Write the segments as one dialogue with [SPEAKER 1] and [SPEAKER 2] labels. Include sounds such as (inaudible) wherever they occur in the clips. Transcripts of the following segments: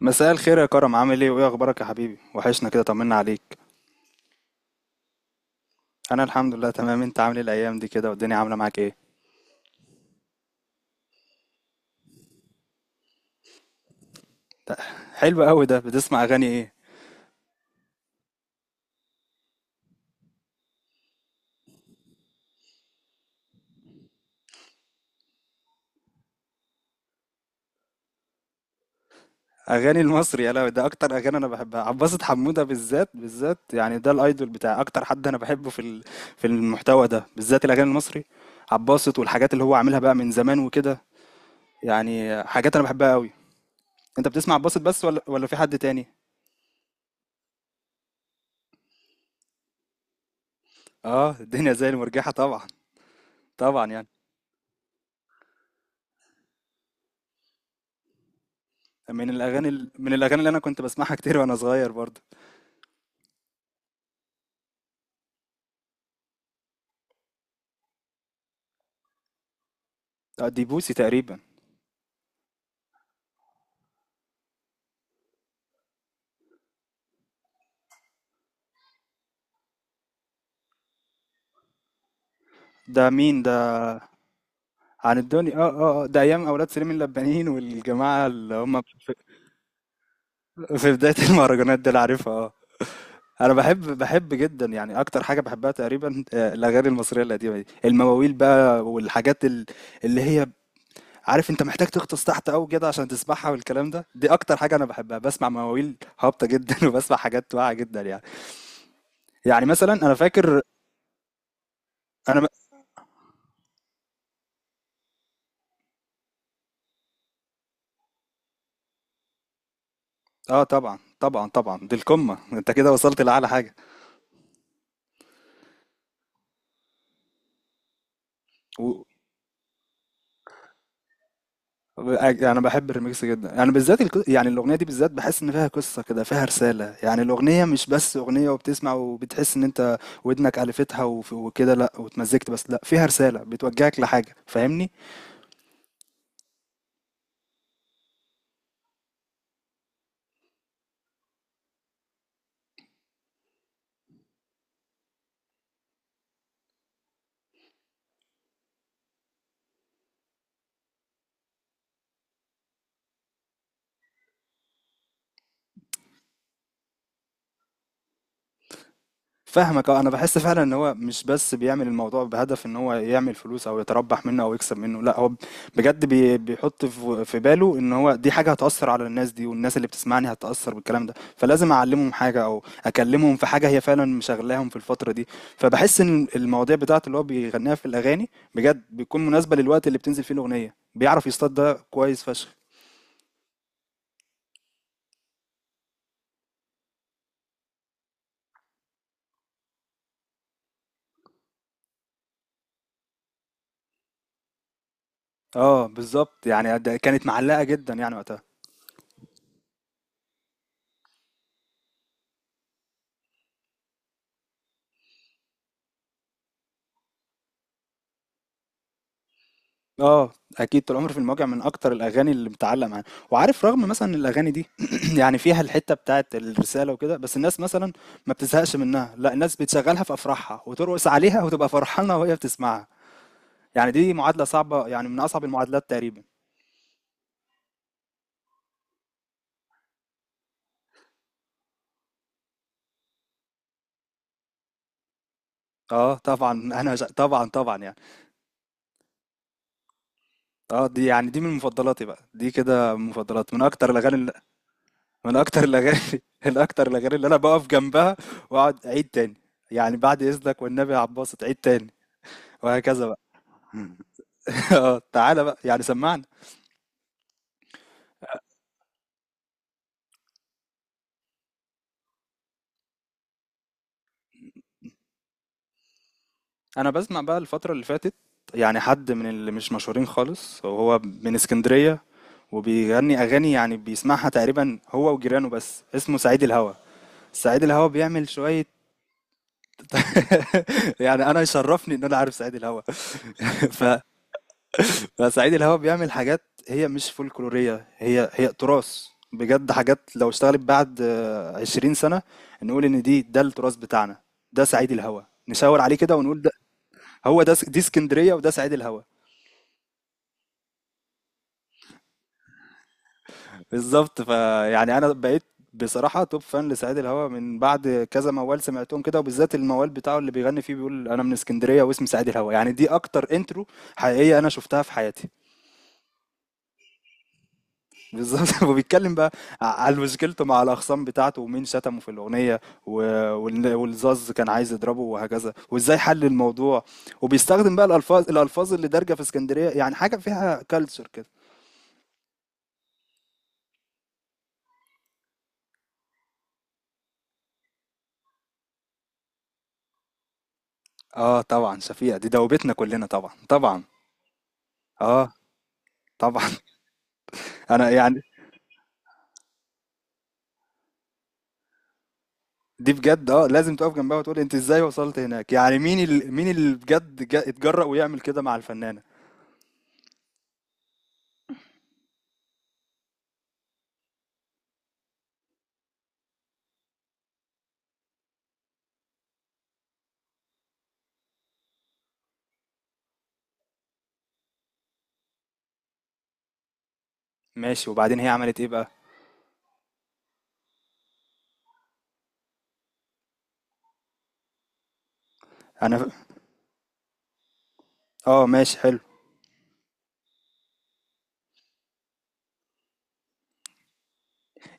[SPEAKER 1] مساء الخير يا كرم، عامل ايه وايه اخبارك يا حبيبي؟ وحشنا كده، طمنا عليك. انا الحمد لله تمام. انت عامل ايه الايام دي كده والدنيا عامله معاك ايه؟ حلو قوي، ده بتسمع اغاني ايه؟ اغاني المصري؟ يا لهوي، ده اكتر اغاني انا بحبها. عباسة حمودة بالذات بالذات يعني، ده الايدول بتاعي، اكتر حد انا بحبه في في المحتوى ده بالذات، الاغاني المصري. عباسة والحاجات اللي هو عاملها بقى من زمان وكده، يعني حاجات انا بحبها قوي. انت بتسمع عباسة بس ولا في حد تاني؟ اه، الدنيا زي المرجحة طبعا، طبعا يعني. من الاغاني من الاغاني اللي انا كنت بسمعها كتير وانا صغير برضه. آه، دي بوسي تقريبا. ده مين ده؟ عن الدنيا اه اه آه، ده ايام اولاد سليم اللبانيين والجماعه اللي هم في في بدايه (laughs) المهرجانات دول، عارفها اه. انا بحب جدا، يعني اكتر حاجه بحبها تقريبا آه، الاغاني المصريه القديمه دي، المواويل بقى والحاجات اللي هي، عارف انت، محتاج تغطس تحت قوي كده عشان تسمعها والكلام ده. دي اكتر حاجه انا بحبها، بسمع مواويل هابطه جدا (laughs) وبسمع حاجات واعيه جدا يعني. يعني مثلا انا فاكر، انا آه طبعًا، طبعًا، طبعًا، دي القمة. أنت كده وصلت لأعلى حاجة. و أج، أنا باحب الRemix جدًا. أنا بالذات الق يعني، الأغنية دي بالذات باحس إن فيها قصة كده، فيها رسالة. يعني الأغنية مش بس أغنية وبتسمع وبتحس إن أنت ودنك ألفتها وف وكده لأ، واتمزجت بس لأ، فيها رسالة، بتوجهك لحاجة، فاهمني؟ فاهمك اه. انا بحس فعلا ان هو مش بس بيعمل الموضوع بهدف ان هو يعمل فلوس او يتربح منه او يكسب منه. لا هو بجد بيحط في باله ان هو دي حاجه هتاثر على الناس دي، والناس اللي بتسمعني هتاثر بالكلام ده، فلازم اعلمهم حاجه او اكلمهم في حاجه هي فعلا مشغلاهم في الفتره دي. فبحس ان المواضيع بتاعته اللي هو بيغنيها في الاغاني بجد بيكون مناسبه للوقت اللي بتنزل فيه الاغنيه، بيعرف يصطاد ده كويس فشخ. اه بالظبط، يعني ده كانت معلقه جدا يعني وقتها. اه، اكيد طول عمري في المواجع من اكتر الاغاني اللي متعلقه معايا. وعارف، رغم مثلا إن الاغاني دي (clears throat) يعني فيها الحته بتاعت الرساله وكده، بس الناس مثلا ما بتزهقش منها، لا الناس بتشغلها في افراحها وترقص عليها وتبقى فرحانه وهي بتسمعها. يعني دي معادله صعبه، يعني من اصعب المعادلات تقريبا. اه طبعا (laughs) انا طبعا طبعا يعني. اه دي يعني دي من مفضلاتي بقى، دي كده من مفضلات، من اكتر الاغاني. من اكتر الاغاني (laughs) الاكتر الاغاني اللي انا بقف جنبها واقعد اعيد تاني. يعني بعد اذنك والنبي يا عباس تعيد تاني، وهكذا بقى. (laughs) آه، تعالى بقى يعني سمعنا. انا بسمع بقى الفترة اللي فاتت يعني حد من اللي مش مشهورين خالص، وهو من اسكندرية، وبيغني اغاني يعني بيسمعها تقريبا هو وجيرانه بس، اسمه سعيد الهوى. سعيد الهوى بيعمل شوية (laughs) يعني انا يشرفني ان انا عارف سعيد الهوى. (laughs) ف... فسعيد الهوى بيعمل حاجات هي مش فولكلورية، هي تراث. بجد حاجات لو اشتغلت بعد 20 سنة نقول ان دي ده التراث بتاعنا. ده سعيد الهوى، نشاور عليه كده ونقول هو ده. دي اسكندريه وده سعيد الهوى. بالظبط. فيعني انا بقيت بصراحه توب فان لسعيد الهوى من بعد كذا موال سمعتهم كده، وبالذات الموال بتاعه اللي بيغني فيه، بيقول انا من اسكندريه واسمي سعيد الهوى. يعني دي اكتر انترو حقيقيه انا شفتها في حياتي. بالظبط (laughs) وبيتكلم بقى على مشكلته مع الاخصام بتاعته، ومين شتمه في الاغنيه و- والزاز كان عايز يضربه وهكذا، وازاي حل الموضوع. وبيستخدم بقى الالفاظ اللي دارجه في اسكندريه، يعني حاجه فيها كالتشر كده. آه طبعًا شفيقة، دي دوّبتنا كلّنا طبعًا، طبعًا، آه، طبعًا، (laughs) أنا يعني دي بجد آه، لازم تُقف جنبها وتقول أنتِ إزاي وصلتِ هناك. يعني مين ال مين اللي بجد ج اتجرأ ويعمل كده مع الفنانة؟ ماشي، وبعدين هي عملت إيه بقى؟ أنا ف آه ماشي حلو.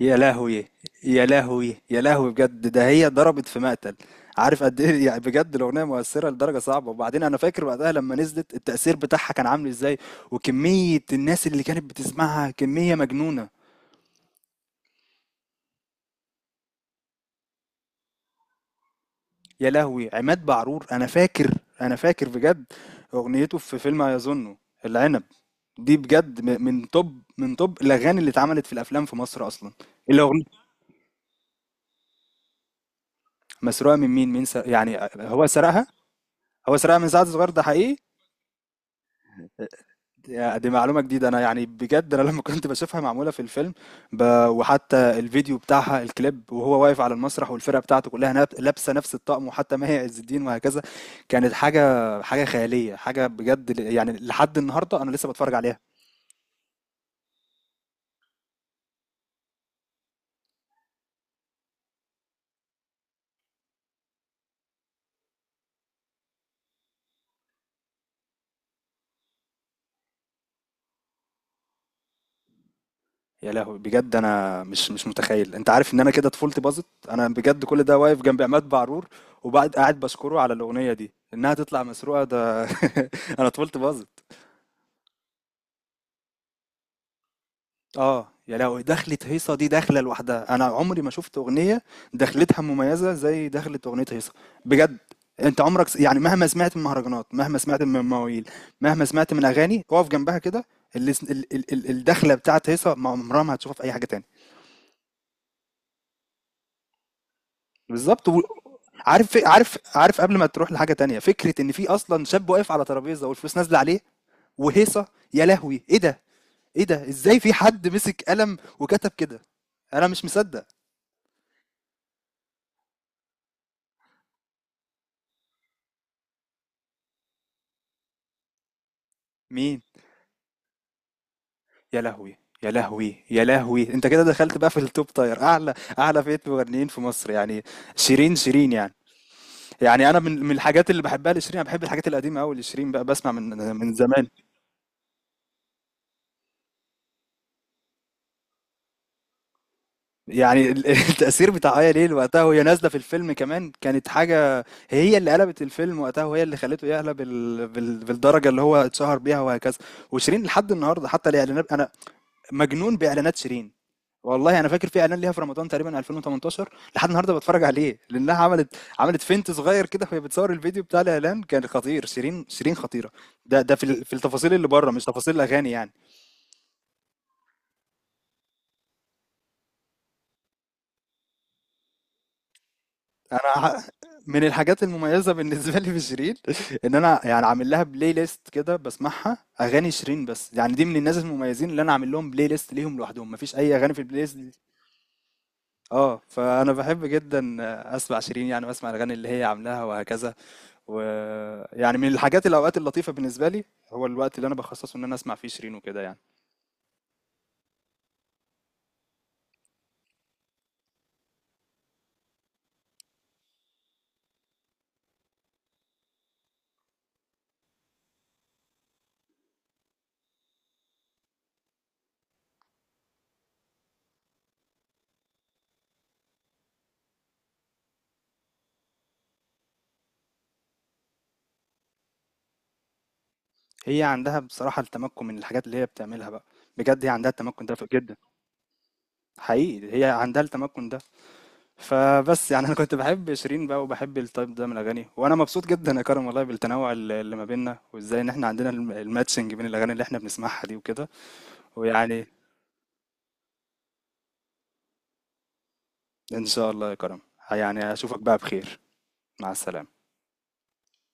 [SPEAKER 1] يا لهوي! يا لهوي! يا لهوي بجد، ده هي ضربت في مقتل. عارف قد إيه يعني بجد الأغنية مؤثّرة لدرجة صعبة؟ وبعدين أنا فاكر وقتها لمّا نزلت التأثير بتاعها كان عامل إزاي، وكمية الناس اللي كانت بتسمعها كمية مجنونة. يا لهوي، عماد بعرور، انا فاكر، انا فاكر بجد اغنيته في فيلم يظن، العنب. دي بجد من توب، من توب الاغاني اللي اتعملت في الافلام في مصر اصلا. الاغنيه مسروقه من مين؟ مين؟ يعني هو سرقها؟ هو سرقها من سعد صغير ده حقيقي؟ يا، دي معلومة جديدة. أنا يعني بجد أنا (laughs) لما كنت بشوفها معمولة في الفيلم ب... وحتى الفيديو بتاعها الكليب، وهو واقف على المسرح والفرقة بتاعته كلها لابسة نفس الطقم، وحتى ماهي عز الدين وهكذا، كانت حاجة، حاجة خيالية، حاجة بجد يعني لحد النهاردة أنا لسه بتفرج عليها. يا لهوي بجد، أنا مش متخيل. أنت عارف إن أنا كده طفولتي باظت؟ أنا بجد كل ده واقف جنب عماد بعرور وبعد قاعد بشكره على الأغنية دي إنها تطلع مسروقة ده! (laughs) أنا طفولتي باظت. آه، يا لهوي، دخلة هيصة دي دخلة لوحدها. أنا عمري ما شُفت أغنية دخلتها مميزة زي دخلة أغنية هيصة، بجد. أنت عمرك س يعني مهما سمعت من مهرجانات، مهما سمعت من مواويل، مهما سمعت من أغاني، أقف جنبها كده. اللي س ال ال ال الدخلة بتاعة هيصة ما عمرها ما هتشوفها في أي حاجة تاني. بالضبط. و عارف ف عارف عارف قبل ما تروح لحاجة تانية، فكرة إن في أصلًا شاب واقف على ترابيزة والفلوس نازلة عليه وهيصة! يا لهوي! إيه ده، إيه ده، إزاي في حد مسك قلم وكتب كده؟ أنا مش مصدق. مين؟ يا لهوي، يا لهوي، يا لهوي، انت كده دخلت بقى في التوب تاير، اعلى اعلى فئة مغنيين في مصر يعني. شيرين، شيرين يعني. يعني انا من الحاجات اللي بحبها لشيرين، انا بحب الحاجات القديمة قوي لشيرين بقى، بسمع من زمان. يعني (laughs) التأثير بتاع آية ليل وقتها وهي نازلة في الفيلم كمان كانت حاجة. هي اللي قلبت الفيلم وقتها، وهي اللي خلته يعلى بالدرجة اللي هو اتشهر بيها وهكذا. وشيرين لحد النهاردة، حتى الإعلانات أنا مجنون بإعلانات شيرين. والله أنا فاكر في إعلان ليها في رمضان تقريبًا 2018 لحد النهارده باتفرّج عليه، لأنها عملت فينت صغير كده وهي بتصوّر الفيديو بتاع الإعلان كان خطير. شيرين، شيرين خطيرة. ده في في التفاصيل اللي برّه، مش تفاصيل الأغاني يعني. أنا ح من الحاجات المميزة بالنسبة لي في شيرين (laughs) إن أنا يعني عامل لها Play list كده، باسمعها أغاني شيرين بس. يعني دي من الناس المميزين اللي أنا عامل لهم Play list ليهم لوحدهم، ما فيش أي أغاني في الPlay list دي. آه، فأنا باحب جدًا أسمع شيرين يعني، وأسمع الأغاني اللي هي عاملاها وهكذا. ويعني من الحاجات، الأوقات اللطيفة بالنسبة لي هو الوقت اللي أنا بخصصه إن أنا أسمع فيه شيرين وكده يعني. هي عندها بصراحة التمكن من الحاجات اللي هي بتعملها بقى. بجد هي عندها التمكن ده جدا، حقيقي هي عندها التمكن ده. فبس يعني أنا كنت بحب شيرين بقى وبحب التايب ده من الأغاني، وأنا مبسوط جدا يا كرم والله بالتنوع اللي ما بيننا، وإزاي إن إحنا عندنا الماتشنج بين الأغاني اللي إحنا بنسمعها دي وكده ويعني. إن شاء الله يا كرم، يعني أشوفك بقى بخير. مع السلامة